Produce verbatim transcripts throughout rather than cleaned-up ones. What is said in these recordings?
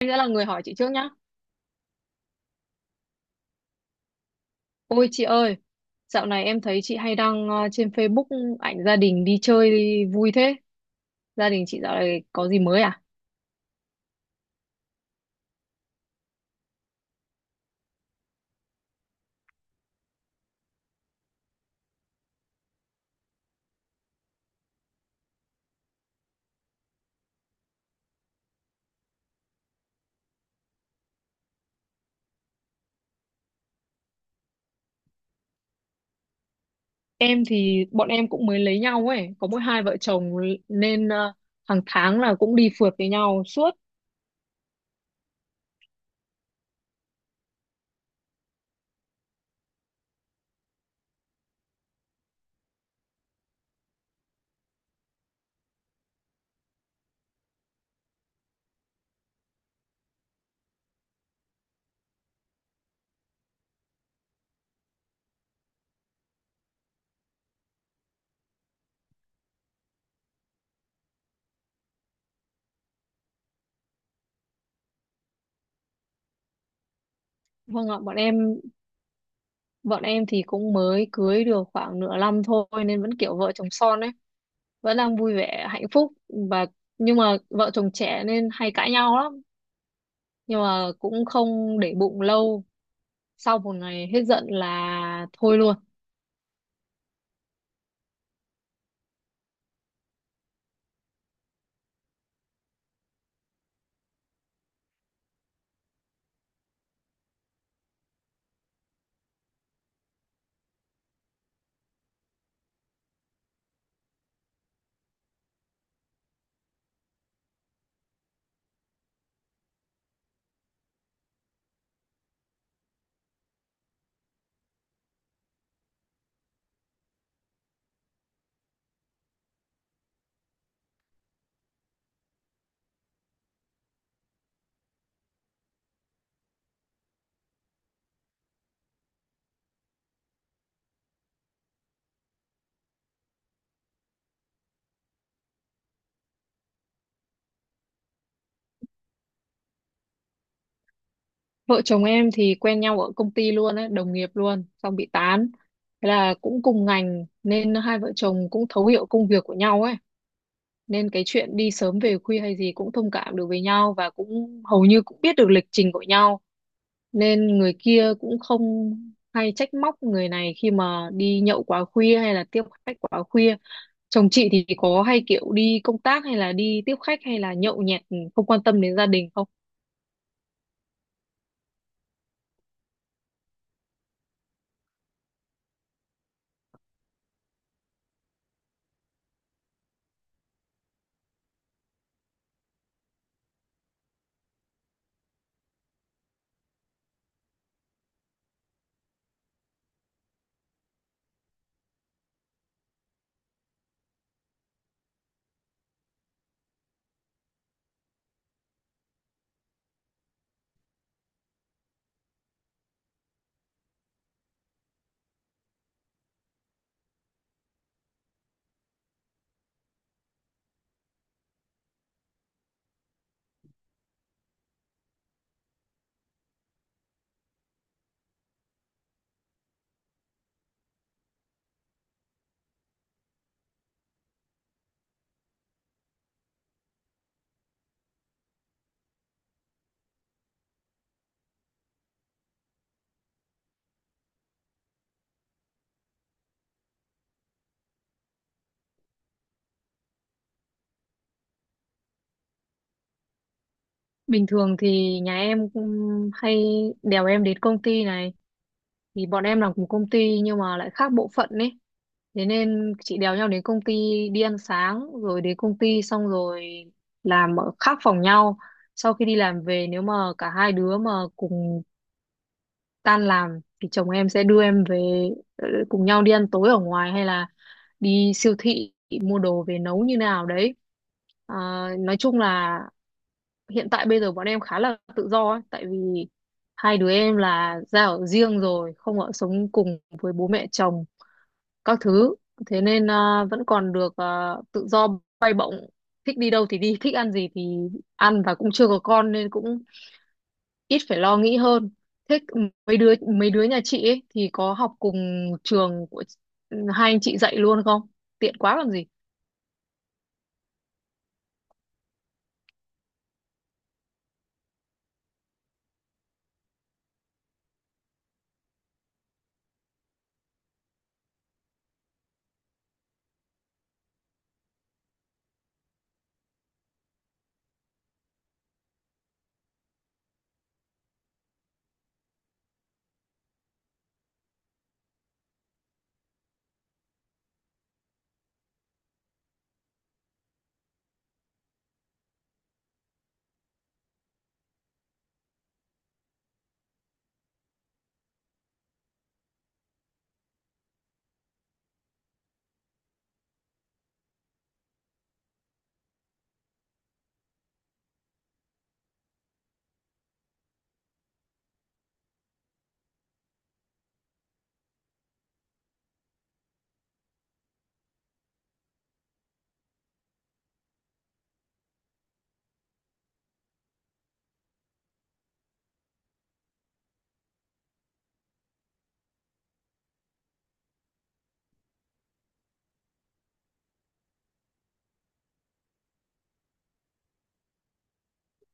Anh sẽ là người hỏi chị trước nhá. Ôi chị ơi, dạo này em thấy chị hay đăng ờ, trên Facebook ảnh gia đình đi chơi vui thế. Gia đình chị dạo này có gì mới à? Em thì bọn em cũng mới lấy nhau ấy, có mỗi hai vợ chồng nên ờ, hàng tháng là cũng đi phượt với nhau suốt. Vâng ạ, bọn em bọn em thì cũng mới cưới được khoảng nửa năm thôi, nên vẫn kiểu vợ chồng son ấy, vẫn đang vui vẻ hạnh phúc và nhưng mà vợ chồng trẻ nên hay cãi nhau lắm, nhưng mà cũng không để bụng lâu, sau một ngày hết giận là thôi luôn. Vợ chồng em thì quen nhau ở công ty luôn ấy, đồng nghiệp luôn xong bị tán, thế là cũng cùng ngành nên hai vợ chồng cũng thấu hiểu công việc của nhau ấy, nên cái chuyện đi sớm về khuya hay gì cũng thông cảm được với nhau, và cũng hầu như cũng biết được lịch trình của nhau, nên người kia cũng không hay trách móc người này khi mà đi nhậu quá khuya hay là tiếp khách quá khuya. Chồng chị thì có hay kiểu đi công tác hay là đi tiếp khách hay là nhậu nhẹt, không quan tâm đến gia đình không? Bình thường thì nhà em cũng hay đèo em đến công ty này, thì bọn em làm cùng công ty nhưng mà lại khác bộ phận ấy, thế nên chị đèo nhau đến công ty, đi ăn sáng rồi đến công ty xong rồi làm ở khác phòng nhau. Sau khi đi làm về, nếu mà cả hai đứa mà cùng tan làm thì chồng em sẽ đưa em về, ờ, cùng nhau đi ăn tối ở ngoài hay là đi siêu thị mua đồ về nấu như nào đấy. Ờ, nói chung là hiện tại bây giờ bọn em khá là tự do ấy, tại vì hai đứa em là ra ở riêng rồi, không ở sống cùng với bố mẹ chồng các thứ. Thế nên à, vẫn còn được à, tự do bay bổng, thích đi đâu thì đi, thích ăn gì thì ăn, và cũng chưa có con nên cũng ít phải lo nghĩ hơn. Thế mấy đứa mấy đứa nhà chị ấy thì có học cùng trường của ừ, hai anh chị dạy luôn không? Tiện quá còn gì.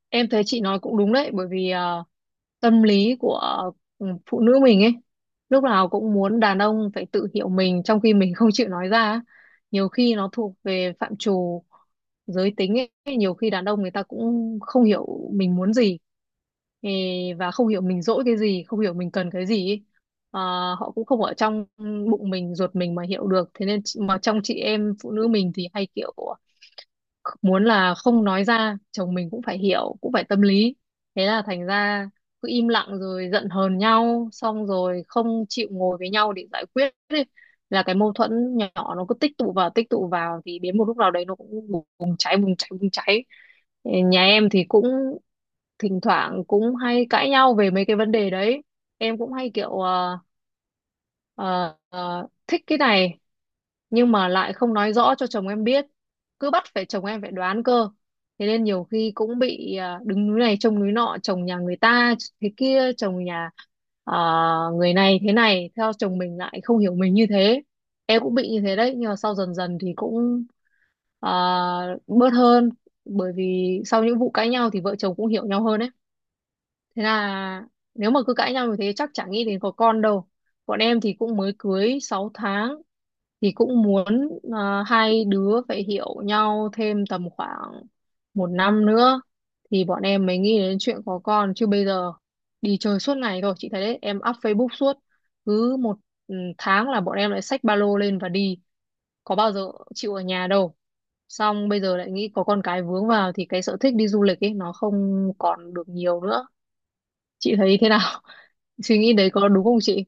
Em thấy chị nói cũng đúng đấy, bởi vì à, tâm lý của ừ, phụ nữ mình ấy lúc nào cũng muốn đàn ông phải tự hiểu mình, trong khi mình không chịu nói ra á. Nhiều khi nó thuộc về phạm trù giới tính ấy, nhiều khi đàn ông người ta cũng không hiểu mình muốn gì, ê, và không hiểu mình dỗi cái gì, không hiểu mình cần cái gì ấy. Ờ, Họ cũng không ở trong bụng mình ruột mình mà hiểu được, thế nên chị- mà trong chị em phụ nữ mình thì hay kiểu muốn là không nói ra chồng mình cũng phải hiểu, cũng phải tâm lý, thế là thành ra cứ im lặng rồi giận hờn nhau, xong rồi không chịu ngồi với nhau để giải quyết ấy. Là cái mâu thuẫn nhỏ, nó cứ tích tụ vào tích tụ vào thì đến một lúc nào đấy nó cũng bùng cháy, bùng cháy, bùng cháy. Nhà em thì cũng thỉnh thoảng cũng hay cãi nhau về mấy cái vấn đề đấy. Em cũng hay kiểu ờ, ờ, ờ, thích cái này nhưng mà lại không nói rõ cho chồng em biết, cứ bắt phải chồng em phải đoán cơ. Thế nên nhiều khi cũng bị à, đứng núi này trông núi nọ, chồng nhà người ta thế kia, chồng nhà à, người này thế này, theo chồng mình lại không hiểu mình như thế. Em cũng bị như thế đấy, nhưng mà sau dần dần thì cũng à, bớt hơn, bởi vì sau những vụ cãi nhau thì vợ chồng cũng hiểu nhau hơn đấy. Thế là nếu mà cứ cãi nhau như thế chắc chả nghĩ đến có con đâu. Bọn em thì cũng mới cưới sáu tháng, thì cũng muốn ờ, hai đứa phải hiểu nhau thêm tầm khoảng một năm nữa thì bọn em mới nghĩ đến chuyện có con, chứ bây giờ đi chơi suốt ngày thôi, chị thấy đấy, em up Facebook suốt, cứ một ừ, tháng là bọn em lại xách ba lô lên và đi, có bao giờ chịu ở nhà đâu. Xong bây giờ lại nghĩ có con cái vướng vào thì cái sở thích đi du lịch ấy nó không còn được nhiều nữa, chị thấy thế nào? Suy nghĩ đấy có đúng không chị?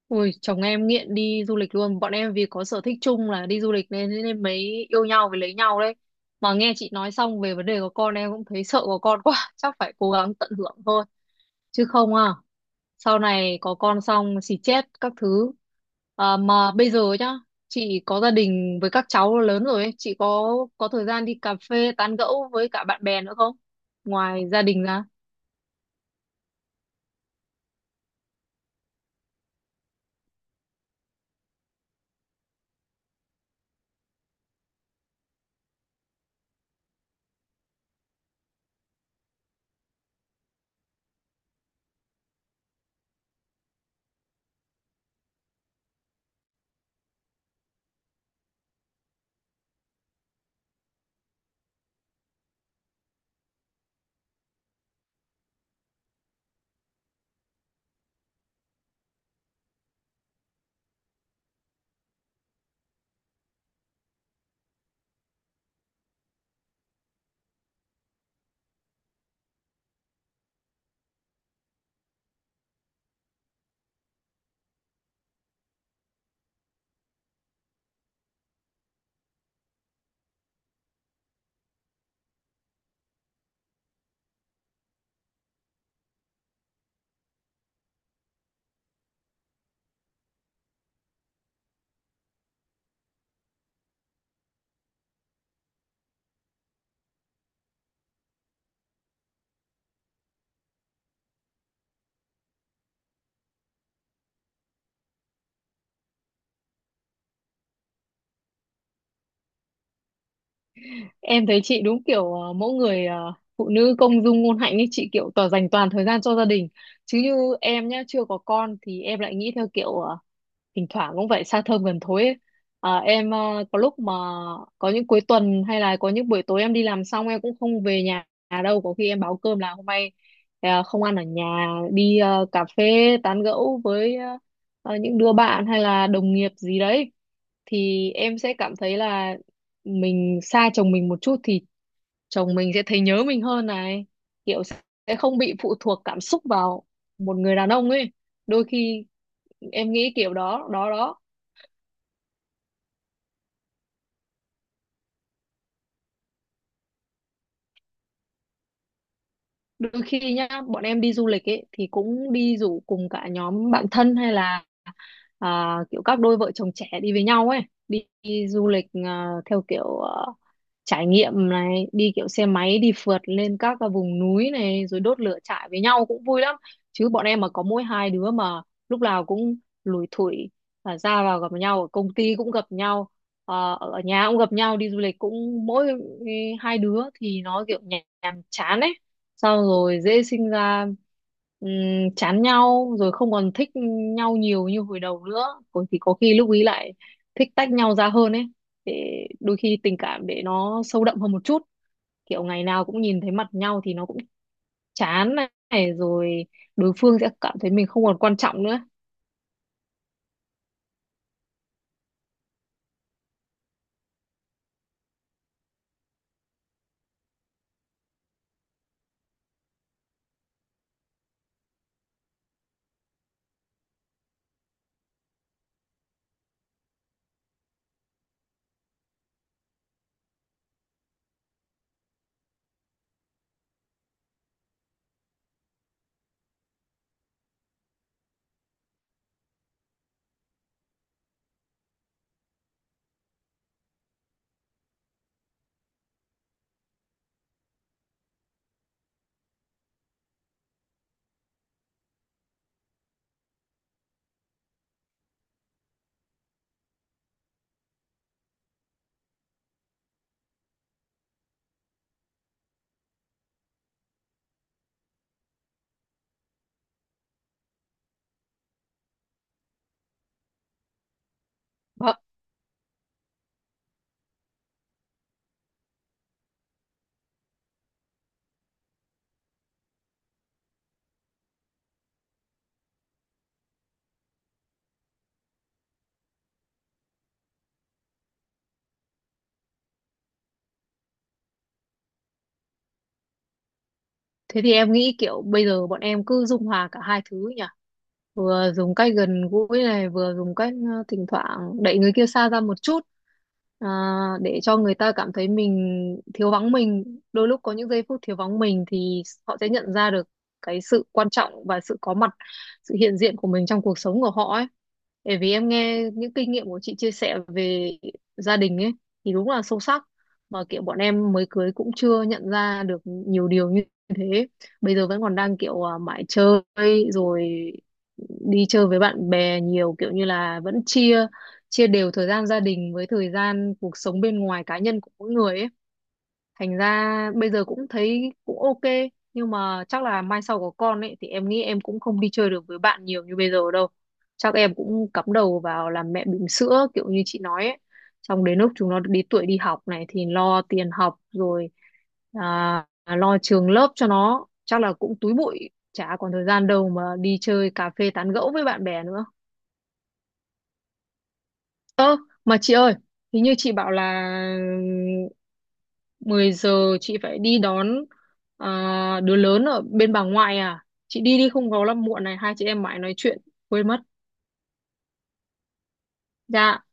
Ui, chồng em nghiện đi du lịch luôn. Bọn em vì có sở thích chung là đi du lịch nên nên mới yêu nhau với lấy nhau đấy. Mà nghe chị nói xong về vấn đề có con em cũng thấy sợ có con quá. Chắc phải cố gắng tận hưởng thôi. Chứ không à, sau này có con xong xì chết các thứ. À, mà bây giờ nhá, chị có gia đình với các cháu lớn rồi ấy. Chị có có thời gian đi cà phê tán gẫu với cả bạn bè nữa không? Ngoài gia đình ra. Em thấy chị đúng kiểu ờ, mỗi người ờ, phụ nữ công dung ngôn hạnh ấy, chị kiểu tỏ dành toàn thời gian cho gia đình, chứ như em nhá chưa có con thì em lại nghĩ theo kiểu ờ, thỉnh thoảng cũng phải xa thơm gần thối ấy. Ờ, em ờ, có lúc mà có những cuối tuần hay là có những buổi tối em đi làm xong em cũng không về nhà đâu, có khi em báo cơm là hôm nay ờ, không ăn ở nhà, đi ờ, cà phê tán gẫu với ờ, ờ, những đứa bạn hay là đồng nghiệp gì đấy, thì em sẽ cảm thấy là mình xa chồng mình một chút thì chồng mình sẽ thấy nhớ mình hơn này, kiểu sẽ không bị phụ thuộc cảm xúc vào một người đàn ông ấy, đôi khi em nghĩ kiểu đó đó đó. Đôi khi nhá bọn em đi du lịch ấy thì cũng đi rủ cùng cả nhóm bạn thân hay là à, kiểu các đôi vợ chồng trẻ đi với nhau ấy, đi, đi du lịch à, theo kiểu à, trải nghiệm này, đi kiểu xe máy đi phượt lên các cái vùng núi này rồi đốt lửa trại với nhau cũng vui lắm. Chứ bọn em mà có mỗi hai đứa mà lúc nào cũng lủi thủi, à, ra vào gặp nhau ở công ty cũng gặp nhau, à, ở nhà cũng gặp nhau, đi du lịch cũng mỗi ừ, hai đứa, thì nó kiểu nhàm nhàm chán ấy, xong rồi dễ sinh ra ừm, chán nhau rồi không còn thích nhau nhiều như hồi đầu nữa, còn thì có khi lúc ý lại thích tách nhau ra hơn ấy, để đôi khi tình cảm để nó sâu đậm hơn một chút, kiểu ngày nào cũng nhìn thấy mặt nhau thì nó cũng chán này, rồi đối phương sẽ cảm thấy mình không còn quan trọng nữa. Vâng. Thế thì em nghĩ kiểu bây giờ bọn em cứ dung hòa cả hai thứ nhỉ? Vừa dùng cách gần gũi này, vừa dùng cách ờ, thỉnh thoảng đẩy người kia xa ra một chút, à, để cho người ta cảm thấy mình thiếu vắng mình. Đôi lúc có những giây phút thiếu vắng mình thì họ sẽ nhận ra được cái sự quan trọng và sự có mặt, sự hiện diện của mình trong cuộc sống của họ ấy. Bởi vì em nghe những kinh nghiệm của chị chia sẻ về gia đình ấy thì đúng là sâu sắc, mà kiểu bọn em mới cưới cũng chưa nhận ra được nhiều điều như thế, bây giờ vẫn còn đang kiểu à, mãi chơi, rồi đi chơi với bạn bè nhiều, kiểu như là vẫn chia chia đều thời gian gia đình với thời gian cuộc sống bên ngoài cá nhân của mỗi người ấy, thành ra bây giờ cũng thấy cũng ok. Nhưng mà chắc là mai sau có con ấy thì em nghĩ em cũng không đi chơi được với bạn nhiều như bây giờ đâu, chắc em cũng cắm đầu vào làm mẹ bỉm sữa kiểu như chị nói ấy, xong đến lúc chúng nó đi tuổi đi học này thì lo tiền học rồi, à, lo trường lớp cho nó chắc là cũng túi bụi, chả còn thời gian đâu mà đi chơi cà phê tán gẫu với bạn bè nữa. Ơ, mà chị ơi, hình như chị bảo là mười giờ chị phải đi đón à, đứa lớn ở bên bà ngoại à? Chị đi đi không có là muộn này, hai chị em mãi nói chuyện, quên mất. Dạ.